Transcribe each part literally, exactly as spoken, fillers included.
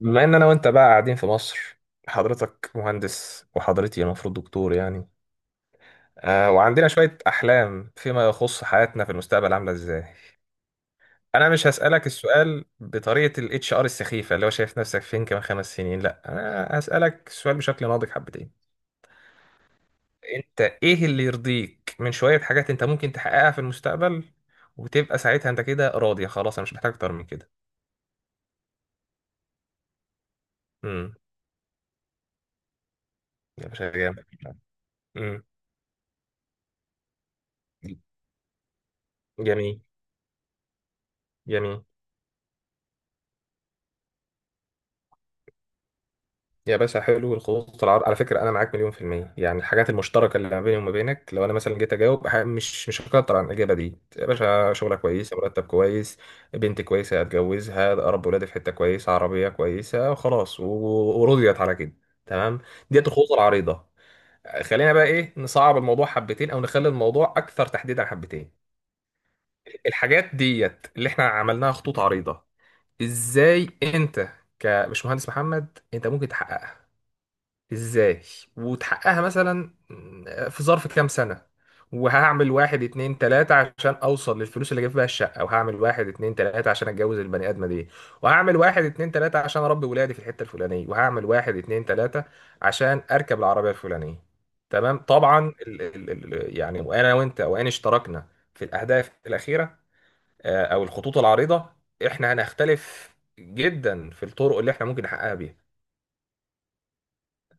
بما ان انا وانت بقى قاعدين في مصر. حضرتك مهندس وحضرتي المفروض دكتور يعني. آه وعندنا شوية احلام فيما يخص حياتنا في المستقبل عاملة ازاي. انا مش هسألك السؤال بطريقة الاتش ار السخيفة اللي هو شايف نفسك فين كمان خمس سنين، لا انا هسألك السؤال بشكل ناضج حبتين. انت ايه اللي يرضيك من شوية حاجات انت ممكن تحققها في المستقبل وتبقى ساعتها انت كده راضية خلاص انا مش محتاج اكتر من كده. امم يا باشا جامد. امم جميل. جميل. يا باشا، حلو الخطوط العرض. على فكرة أنا معاك مليون في المية، يعني الحاجات المشتركة اللي ما بيني وما بينك، لو أنا مثلا جيت أجاوب ح- مش مش هكتر عن الإجابة دي. يا باشا، شغلة كويسة، مرتب كويس، بنت كويسة هتجوزها، أربي ولادي في حتة كويسة، عربية كويسة وخلاص و- ورضيت على كده. تمام، ديت الخطوط العريضة. خلينا بقى إيه نصعب الموضوع حبتين أو نخلي الموضوع أكثر تحديدا حبتين. الحاجات ديت اللي إحنا عملناها خطوط عريضة، إزاي أنت كمش مهندس محمد أنت ممكن تحققها؟ ازاي وتحققها مثلا في ظرف كام سنة؟ وهعمل واحد اتنين تلاتة عشان اوصل للفلوس اللي اجيب بيها الشقة، وهعمل واحد اتنين تلاتة عشان اتجوز البني ادمة دي، وهعمل واحد اتنين تلاتة عشان اربي ولادي في الحتة الفلانية، وهعمل واحد اتنين تلاتة عشان اركب العربية الفلانية. تمام. طبعا ال ال ال يعني وانا وانت وان اشتركنا في الاهداف الاخيرة آه، او الخطوط العريضة، احنا هنختلف جدا في الطرق اللي احنا ممكن نحققها بيها.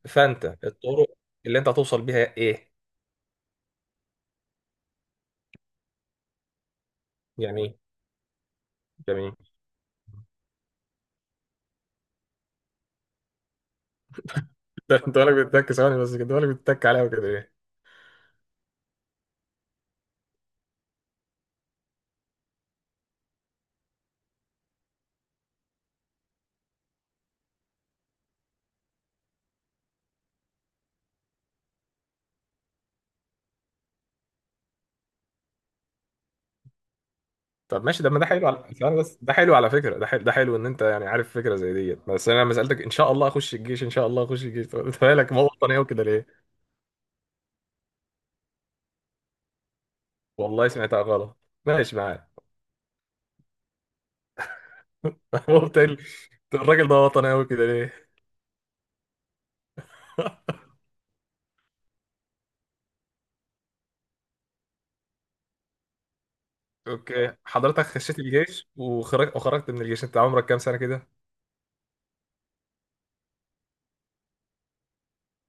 فانت الطرق اللي انت هتوصل بيها ايه؟ يعني ايه؟ جميل. ده انت بالك بتتك ثواني بس، كده بالك بتتك عليها وكده ليه؟ طب ماشي، ده ما ده حلو، على ثواني بس ده حلو، على فكره ده حلو، ده حلو ان انت يعني عارف فكره زي ديت. بس انا لما سالتك ان شاء الله اخش الجيش ان شاء الله اخش الجيش، طب انت بالك ما هو وطني قوي كده ليه؟ والله سمعتها غلط، ماشي معاك. هو قلت لي، الراجل ده وطني قوي كده ليه؟ اوكي، حضرتك خشيت الجيش وخرجت، وخرجت من الجيش انت عمرك كام سنه كده؟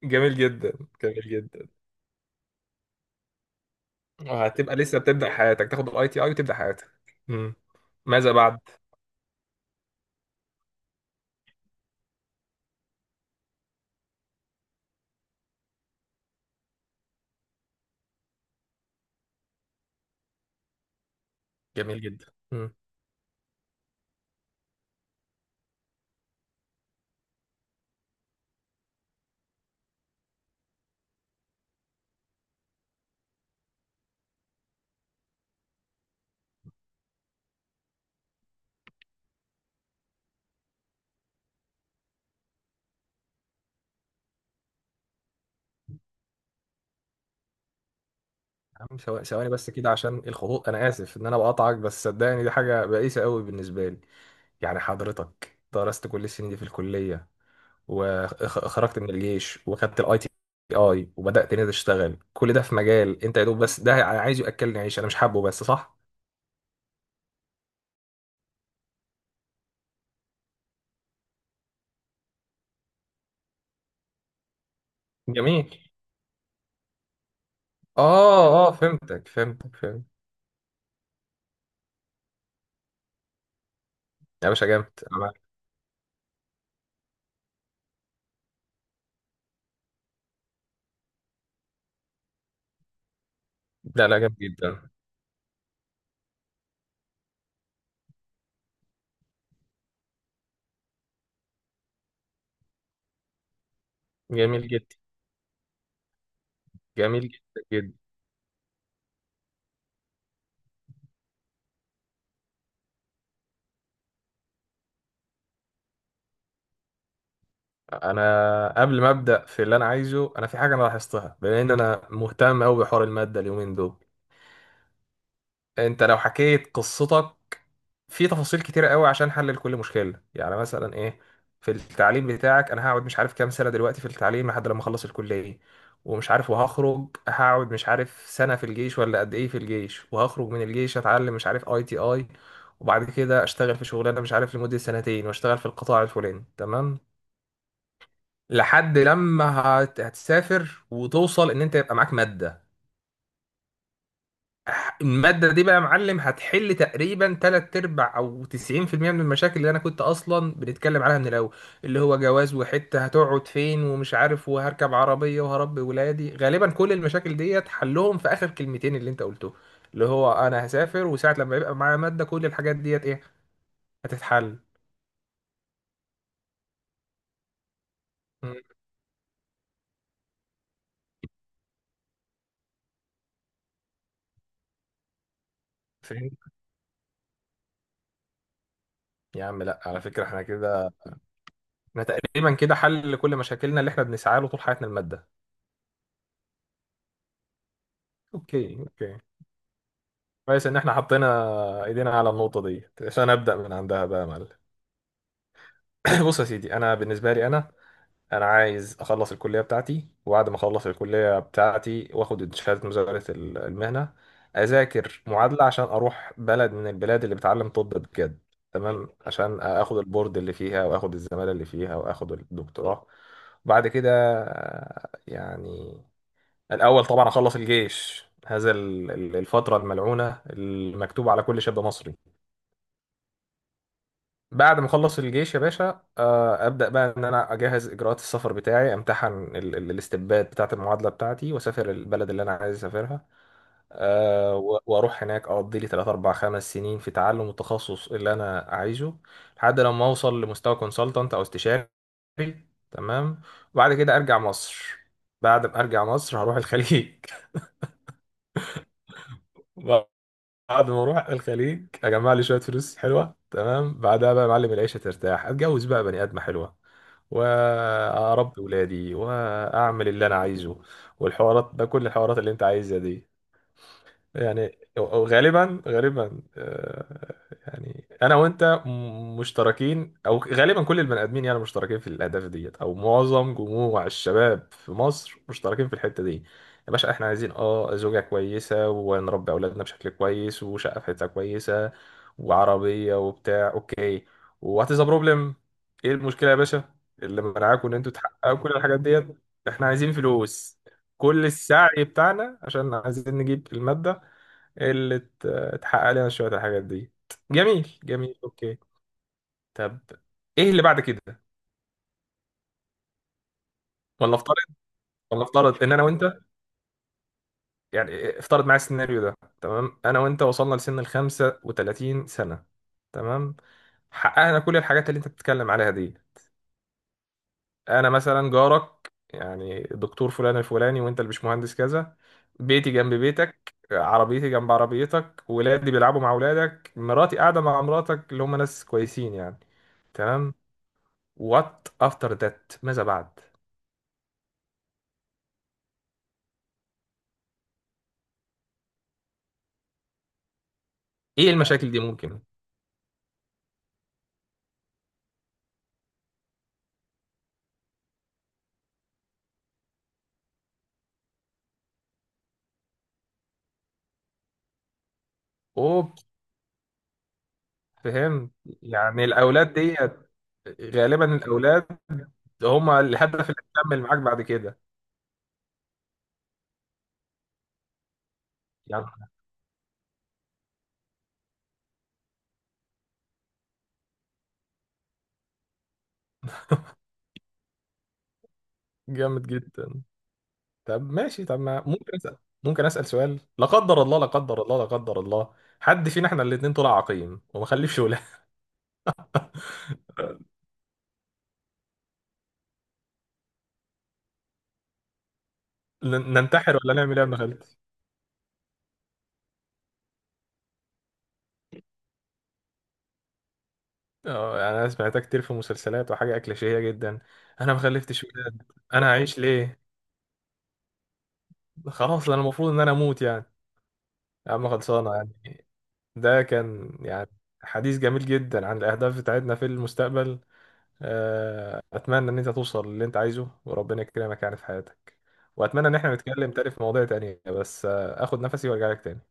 جميل جدا. جميل جدا. هتبقى لسه بتبدأ حياتك، تاخد الاي تي اي وتبدأ حياتك. مم. ماذا بعد؟ جميل جدا. مم. يا عم ثو- ثواني بس كده عشان الخطوط، انا اسف ان انا بقطعك، بس صدقني دي حاجه بائسه قوي بالنسبه لي. يعني حضرتك درست كل السنين دي في الكليه، وخرجت من الجيش وخدت الاي تي اي وبدات هنا تشتغل كل ده في مجال انت يا دوب بس ده انا عايز ياكلني عيش، انا مش حابه بس صح؟ جميل. اه اه، فهمتك فهمتك فهمت. يا باشا جامد، أنا معاك. لا لا، جامد جدا. جميل جدا. جميل جدا جدا. انا قبل ما ابدا في اللي انا عايزه، انا في حاجه انا لاحظتها، بما ان انا مهتم قوي بحوار الماده اليومين دول. انت لو حكيت قصتك في تفاصيل كتيره قوي عشان احلل كل مشكله، يعني مثلا ايه في التعليم بتاعك، انا هقعد مش عارف كام سنه دلوقتي في التعليم لحد لما اخلص الكليه، ومش عارف وهخرج هقعد مش عارف سنه في الجيش ولا قد ايه في الجيش، وهخرج من الجيش اتعلم مش عارف اي تي اي، وبعد كده اشتغل في شغلانه مش عارف لمده سنتين، واشتغل في القطاع الفلاني تمام. لحد لما هت- هتسافر وتوصل ان انت يبقى معاك ماده. ح- الماده دي بقى يا معلم هتحل تقريبا تلات ارباع او تسعين في المية من المشاكل اللي انا كنت اصلا بنتكلم عليها من الاول. اللي هو جواز، وحته هتقعد فين ومش عارف، وهركب عربيه وهربي ولادي. غالبا كل المشاكل ديت حلهم في اخر كلمتين اللي انت قلته، اللي هو انا هسافر، وساعه لما يبقى معايا ماده كل الحاجات ديت ايه هتتحل. مم. فهمت. يا عم لا، على فكره احنا كده، احنا تقريبا كده حل لكل مشاكلنا اللي احنا بنسعى له طول حياتنا، الماده. اوكي اوكي. كويس ان احنا حطينا ايدينا على النقطه دي عشان ابدا من عندها بقى يا معلم. بص يا سيدي، انا بالنسبه لي انا، انا عايز اخلص الكليه بتاعتي، وبعد ما اخلص الكليه بتاعتي واخد شهاده مزاوله ال- المهنه، اذاكر معادله عشان اروح بلد من البلاد اللي بتعلم طب بجد. تمام، عشان اخد البورد اللي فيها، واخد الزماله اللي فيها، واخد الدكتوراه. وبعد كده آه، يعني الأول طبعا أخلص الجيش، هذا ال- ال- الفترة الملعونة المكتوبة على كل شاب مصري. بعد ما أخلص الجيش يا باشا، آه، أبدأ بقى إن أنا أجهز إجراءات السفر بتاعي، أمتحن ال- ال- الاستبداد بتاعة المعادلة بتاعتي، وأسافر البلد اللي أنا عايز أسافرها. آه، و- وأروح هناك أقضي لي تلاتة اربعة خمسة سنين في تعلم التخصص اللي أنا عايزه، لحد لما أوصل لمستوى كونسلتنت أو استشاري. تمام، وبعد كده أرجع مصر. بعد ما أرجع مصر هروح الخليج. بعد ما اروح الخليج اجمع لي شويه فلوس حلوه، تمام، بعدها بقى يا معلم العيشه ترتاح، اتجوز بقى بني ادمه حلوه، واربي ولادي، واعمل اللي انا عايزه، والحوارات ده، كل الحوارات اللي انت عايزها دي. يعني غالبا غالبا آه، يعني انا وانت م- مشتركين، او غالبا كل البني ادمين يعني مشتركين في الاهداف ديت، او معظم جموع الشباب في مصر مشتركين في الحته دي. يا باشا احنا عايزين اه زوجه كويسه، ونربي اولادنا بشكل كويس، وشقه في حته كويسه وعربيه وبتاع. اوكي، وات از بروبلم؟ ايه المشكله يا باشا اللي منعاكم ان انتوا تحققوا كل الحاجات ديت؟ احنا عايزين فلوس. كل السعي بتاعنا عشان عايزين نجيب المادة. إيه اللي ت- اتحقق لنا شوية الحاجات دي. جميل جميل اوكي. طب ايه اللي بعد كده؟ ولا افترض، ولا افترض ان انا وانت، يعني افترض معايا السيناريو ده. تمام، انا وانت وصلنا لسن ال خمسة وتلاتين سنة. تمام، حققنا كل الحاجات اللي انت بتتكلم عليها دي. انا مثلا جارك، يعني دكتور فلان الفلاني، وانت البشمهندس كذا. بيتي جنب بيتك، عربيتي جنب عربيتك، ولادي بيلعبوا مع ولادك، مراتي قاعدة مع مراتك، اللي هم ناس كويسين يعني. تمام، وات افتر ذات؟ ماذا بعد؟ ايه المشاكل دي ممكن؟ اوه، فهم. يعني الاولاد دي، غالبا الاولاد هم الهدف اللي هتكمل معاك بعد كده يعني؟ جامد جدا. طب ماشي، طب ما ممكن اسال، ممكن اسال سؤال، لا قدر الله لا قدر الله لا قدر الله، حد فينا احنا الاثنين طلع عقيم وما خلفش ولا؟ ن- ننتحر ولا نعمل ايه يا ابن خالتي؟ اه يعني انا سمعتها كتير في مسلسلات وحاجه كليشيهيه جدا، انا ما خلفتش ولاد، انا هعيش ليه؟ خلاص انا المفروض ان انا اموت يعني؟ يا عم خلصانة يعني. ده كان يعني حديث جميل جدا عن الأهداف بتاعتنا في المستقبل. آه، أتمنى إن أنت توصل للي أنت عايزه وربنا يكرمك يعني في حياتك. وأتمنى إن احنا نتكلم تاني في مواضيع تانية، بس آه، آخد نفسي وأرجع لك تاني.